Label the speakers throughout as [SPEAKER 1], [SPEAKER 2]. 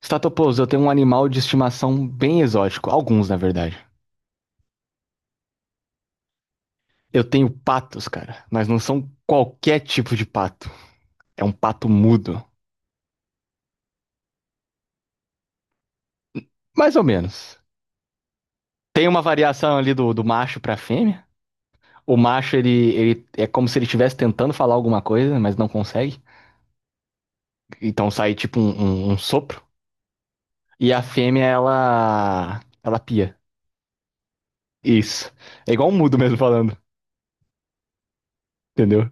[SPEAKER 1] Statopoulos, eu tenho um animal de estimação bem exótico, alguns na verdade. Eu tenho patos, cara, mas não são qualquer tipo de pato. É um pato mudo, mais ou menos. Tem uma variação ali do macho pra fêmea. O macho, ele é como se ele estivesse tentando falar alguma coisa, mas não consegue. Então sai tipo um sopro. E a fêmea, ela. Ela pia. Isso. É igual um mudo mesmo falando, entendeu?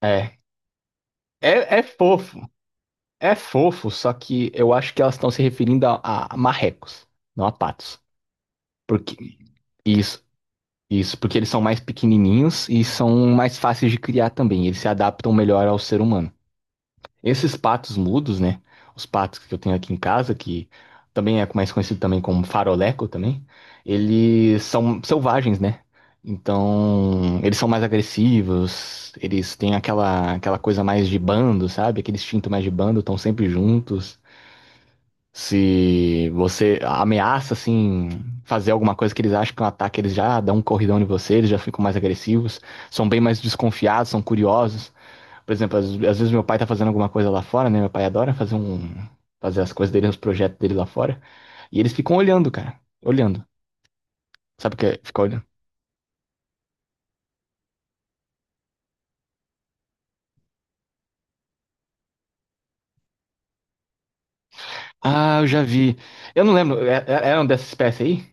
[SPEAKER 1] É. É fofo. É fofo, só que eu acho que elas estão se referindo a marrecos, não a patos. Porque isso, isso, porque eles são mais pequenininhos e são mais fáceis de criar também. Eles se adaptam melhor ao ser humano. Esses patos mudos, né? Os patos que eu tenho aqui em casa, que também é mais conhecido também como faroleco também, eles são selvagens, né? Então, eles são mais agressivos, eles têm aquela coisa mais de bando, sabe? Aquele instinto mais de bando, estão sempre juntos. Se você ameaça, assim, fazer alguma coisa que eles acham que é um ataque, eles já dão um corridão em você, eles já ficam mais agressivos, são bem mais desconfiados, são curiosos. Por exemplo, às vezes meu pai tá fazendo alguma coisa lá fora, né? Meu pai adora fazer as coisas dele, os projetos dele lá fora. E eles ficam olhando, cara. Olhando. Sabe o que é ficar olhando? Ah, eu já vi. Eu não lembro. Era um dessa espécie aí?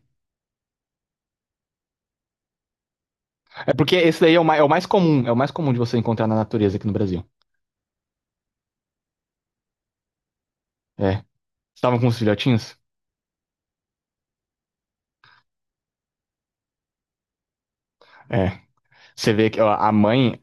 [SPEAKER 1] É porque esse daí é o mais comum. É o mais comum de você encontrar na natureza aqui no Brasil. É. Estavam com os filhotinhos? É. Você vê que ó,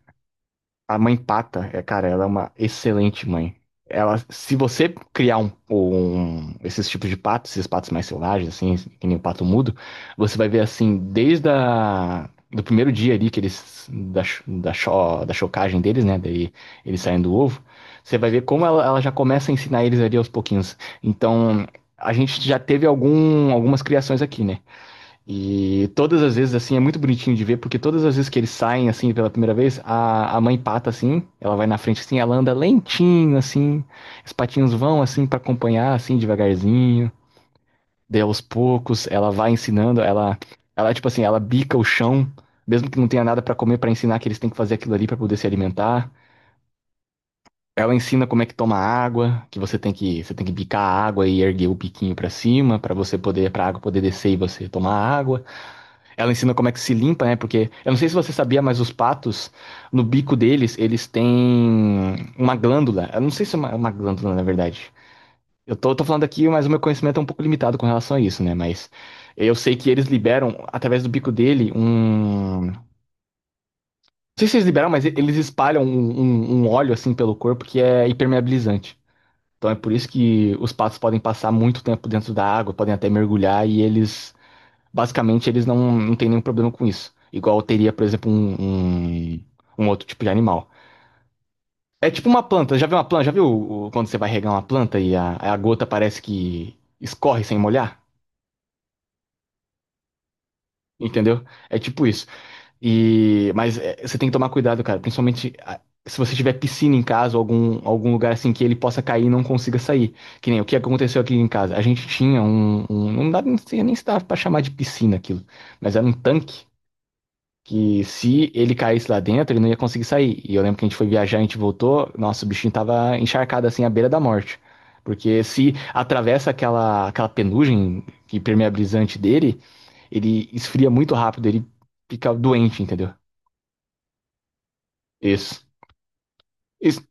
[SPEAKER 1] a mãe Pata, é, cara, ela é uma excelente mãe. Ela, se você criar esses tipos de patos, esses patos mais selvagens, assim, que nem o pato mudo, você vai ver assim, desde do primeiro dia ali que eles da chocagem deles, né, daí eles saem do ovo, você vai ver como ela já começa a ensinar eles ali aos pouquinhos. Então, a gente já teve algumas criações aqui, né? E todas as vezes, assim, é muito bonitinho de ver, porque todas as vezes que eles saem, assim, pela primeira vez, a mãe pata, assim, ela vai na frente, assim, ela anda lentinho, assim, os patinhos vão, assim, pra acompanhar, assim, devagarzinho, daí aos poucos, ela vai ensinando, ela, tipo assim, ela bica o chão, mesmo que não tenha nada pra comer, pra ensinar que eles têm que fazer aquilo ali pra poder se alimentar. Ela ensina como é que toma água, que você tem que bicar a água e erguer o biquinho pra cima, pra você poder, pra água poder descer e você tomar água. Ela ensina como é que se limpa, né? Porque eu não sei se você sabia, mas os patos, no bico deles, eles têm uma glândula. Eu não sei se é uma glândula, na verdade. Eu tô falando aqui, mas o meu conhecimento é um pouco limitado com relação a isso, né? Mas eu sei que eles liberam, através do bico dele. Não sei se eles liberam, mas eles espalham um óleo assim pelo corpo que é impermeabilizante. Então é por isso que os patos podem passar muito tempo dentro da água, podem até mergulhar e eles. Basicamente, eles não têm nenhum problema com isso. Igual teria, por exemplo, um outro tipo de animal. É tipo uma planta. Já viu uma planta? Já viu quando você vai regar uma planta e a gota parece que escorre sem molhar? Entendeu? É tipo isso. E, mas é, você tem que tomar cuidado, cara. Principalmente se você tiver piscina em casa ou algum lugar assim que ele possa cair e não consiga sair. Que nem o que aconteceu aqui em casa. A gente tinha um, não dá, não sei nem se dá pra chamar de piscina aquilo. Mas era um tanque que se ele caísse lá dentro, ele não ia conseguir sair. E eu lembro que a gente foi viajar, a gente voltou, nossa, o bichinho tava encharcado assim à beira da morte. Porque se atravessa aquela penugem que permeabilizante dele, ele esfria muito rápido, ele fica doente, entendeu? Isso. Isso.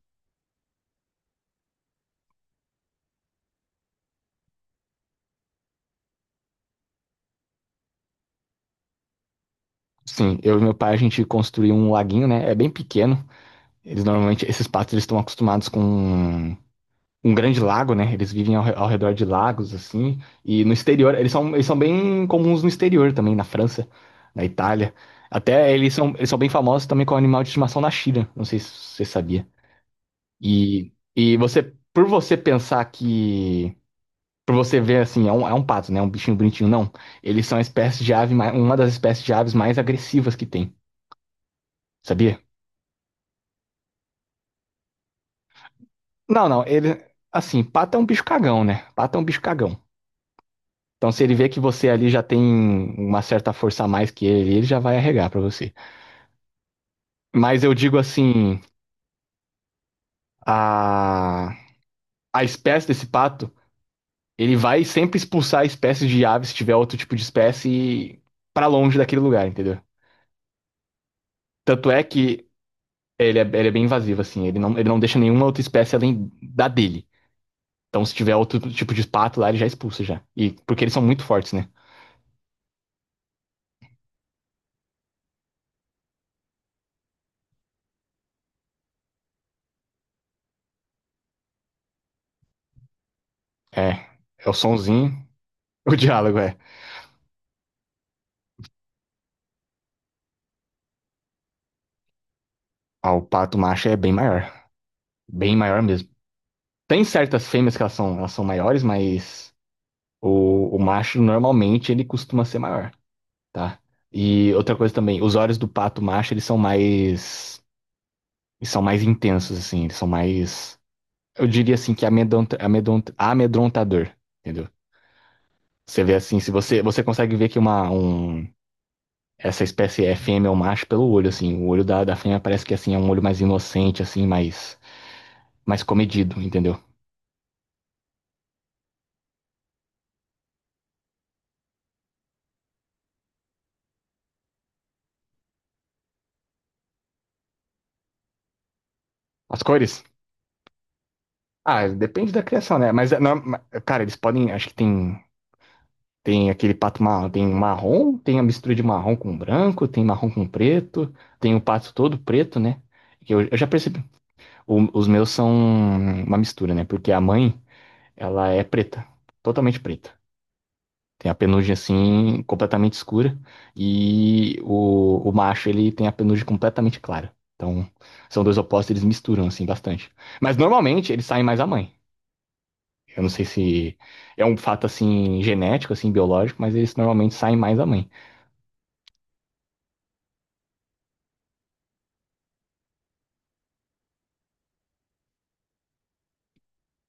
[SPEAKER 1] Sim, eu e meu pai a gente construiu um laguinho, né? É bem pequeno. Eles normalmente, esses patos, eles estão acostumados com um grande lago, né? Eles vivem ao redor de lagos, assim. E no exterior, eles são bem comuns no exterior também, na França, na Itália. Até eles são bem famosos também com animal de estimação na China. Não sei se você sabia. E você, por você pensar que. Por você ver assim, é um, pato, né? Um bichinho bonitinho, não. Eles são a espécie de ave, uma das espécies de aves mais agressivas que tem, sabia? Não, não, ele. Assim, pato é um bicho cagão, né? Pato é um bicho cagão. Então, se ele vê que você ali já tem uma certa força a mais que ele já vai arregar pra você. Mas eu digo assim, a a espécie desse pato, ele vai sempre expulsar espécies de ave se tiver outro tipo de espécie pra longe daquele lugar, entendeu? Tanto é que ele é bem invasivo assim, ele não deixa nenhuma outra espécie além da dele. Então, se tiver outro tipo de pato lá, ele já expulsa já. E porque eles são muito fortes, né? É, é o sonzinho, o diálogo é. Ah, o pato macho é bem maior mesmo. Tem certas fêmeas que elas são maiores, mas o macho normalmente ele costuma ser maior, tá? E outra coisa também, os olhos do pato macho eles são mais intensos, assim, eu diria assim que amedrontador, entendeu? Você vê assim, se você consegue ver que essa espécie é fêmea ou macho pelo olho, assim, o olho da fêmea parece que assim é um olho mais inocente, assim, mais comedido, entendeu? As cores? Ah, depende da criação, né? Mas, cara, eles podem. Acho que tem aquele pato marrom, tem a mistura de marrom com branco, tem marrom com preto, tem o pato todo preto, né? Que eu já percebi. Os meus são uma mistura, né? Porque a mãe, ela é preta, totalmente preta. Tem a penugem assim, completamente escura, e o macho, ele tem a penugem completamente clara. Então, são dois opostos, eles misturam assim bastante. Mas normalmente eles saem mais a mãe. Eu não sei se é um fato assim genético, assim biológico, mas eles normalmente saem mais da mãe.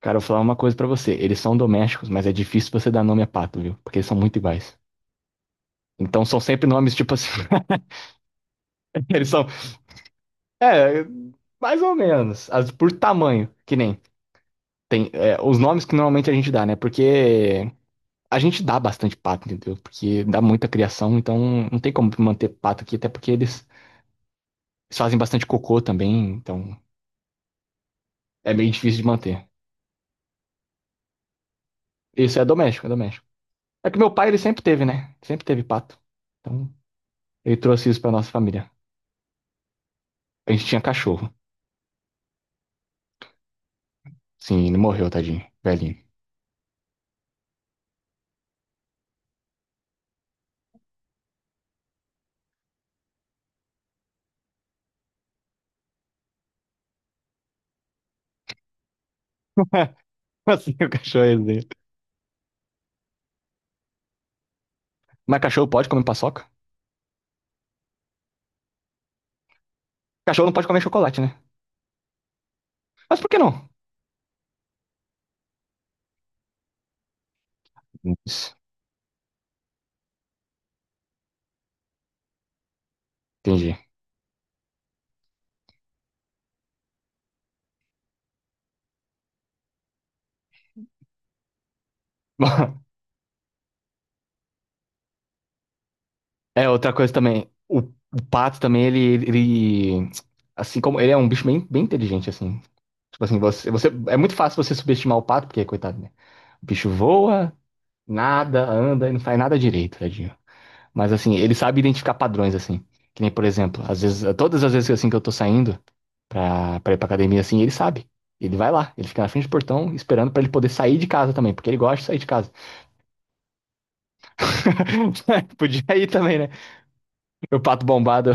[SPEAKER 1] Cara, eu vou falar uma coisa pra você. Eles são domésticos, mas é difícil você dar nome a pato, viu? Porque eles são muito iguais. Então são sempre nomes tipo assim. Eles são, é, mais ou menos, por tamanho, que nem tem os nomes que normalmente a gente dá, né? Porque a gente dá bastante pato, entendeu? Porque dá muita criação, então não tem como manter pato aqui, até porque eles fazem bastante cocô também, então é meio difícil de manter. Isso é doméstico, é doméstico. É que meu pai, ele sempre teve, né? Sempre teve pato. Então, ele trouxe isso pra nossa família. A gente tinha cachorro. Sim, ele morreu, tadinho. Velhinho. Assim, o cachorro é dele. Mas cachorro pode comer paçoca? Cachorro não pode comer chocolate, né? Mas por que não? Isso, entendi. É, outra coisa também. O pato também, ele, ele. Assim como. Ele é um bicho bem, bem inteligente, assim. Tipo assim, você, você. É muito fácil você subestimar o pato, porque, coitado, né? O bicho voa, nada, anda e não faz nada direito, tadinho. Mas assim, ele sabe identificar padrões, assim. Que nem, por exemplo, às vezes, todas as vezes assim que eu tô saindo pra ir pra academia, assim, ele sabe. Ele vai lá, ele fica na frente do portão esperando pra ele poder sair de casa também, porque ele gosta de sair de casa. Podia ir também, né? Meu pato bombado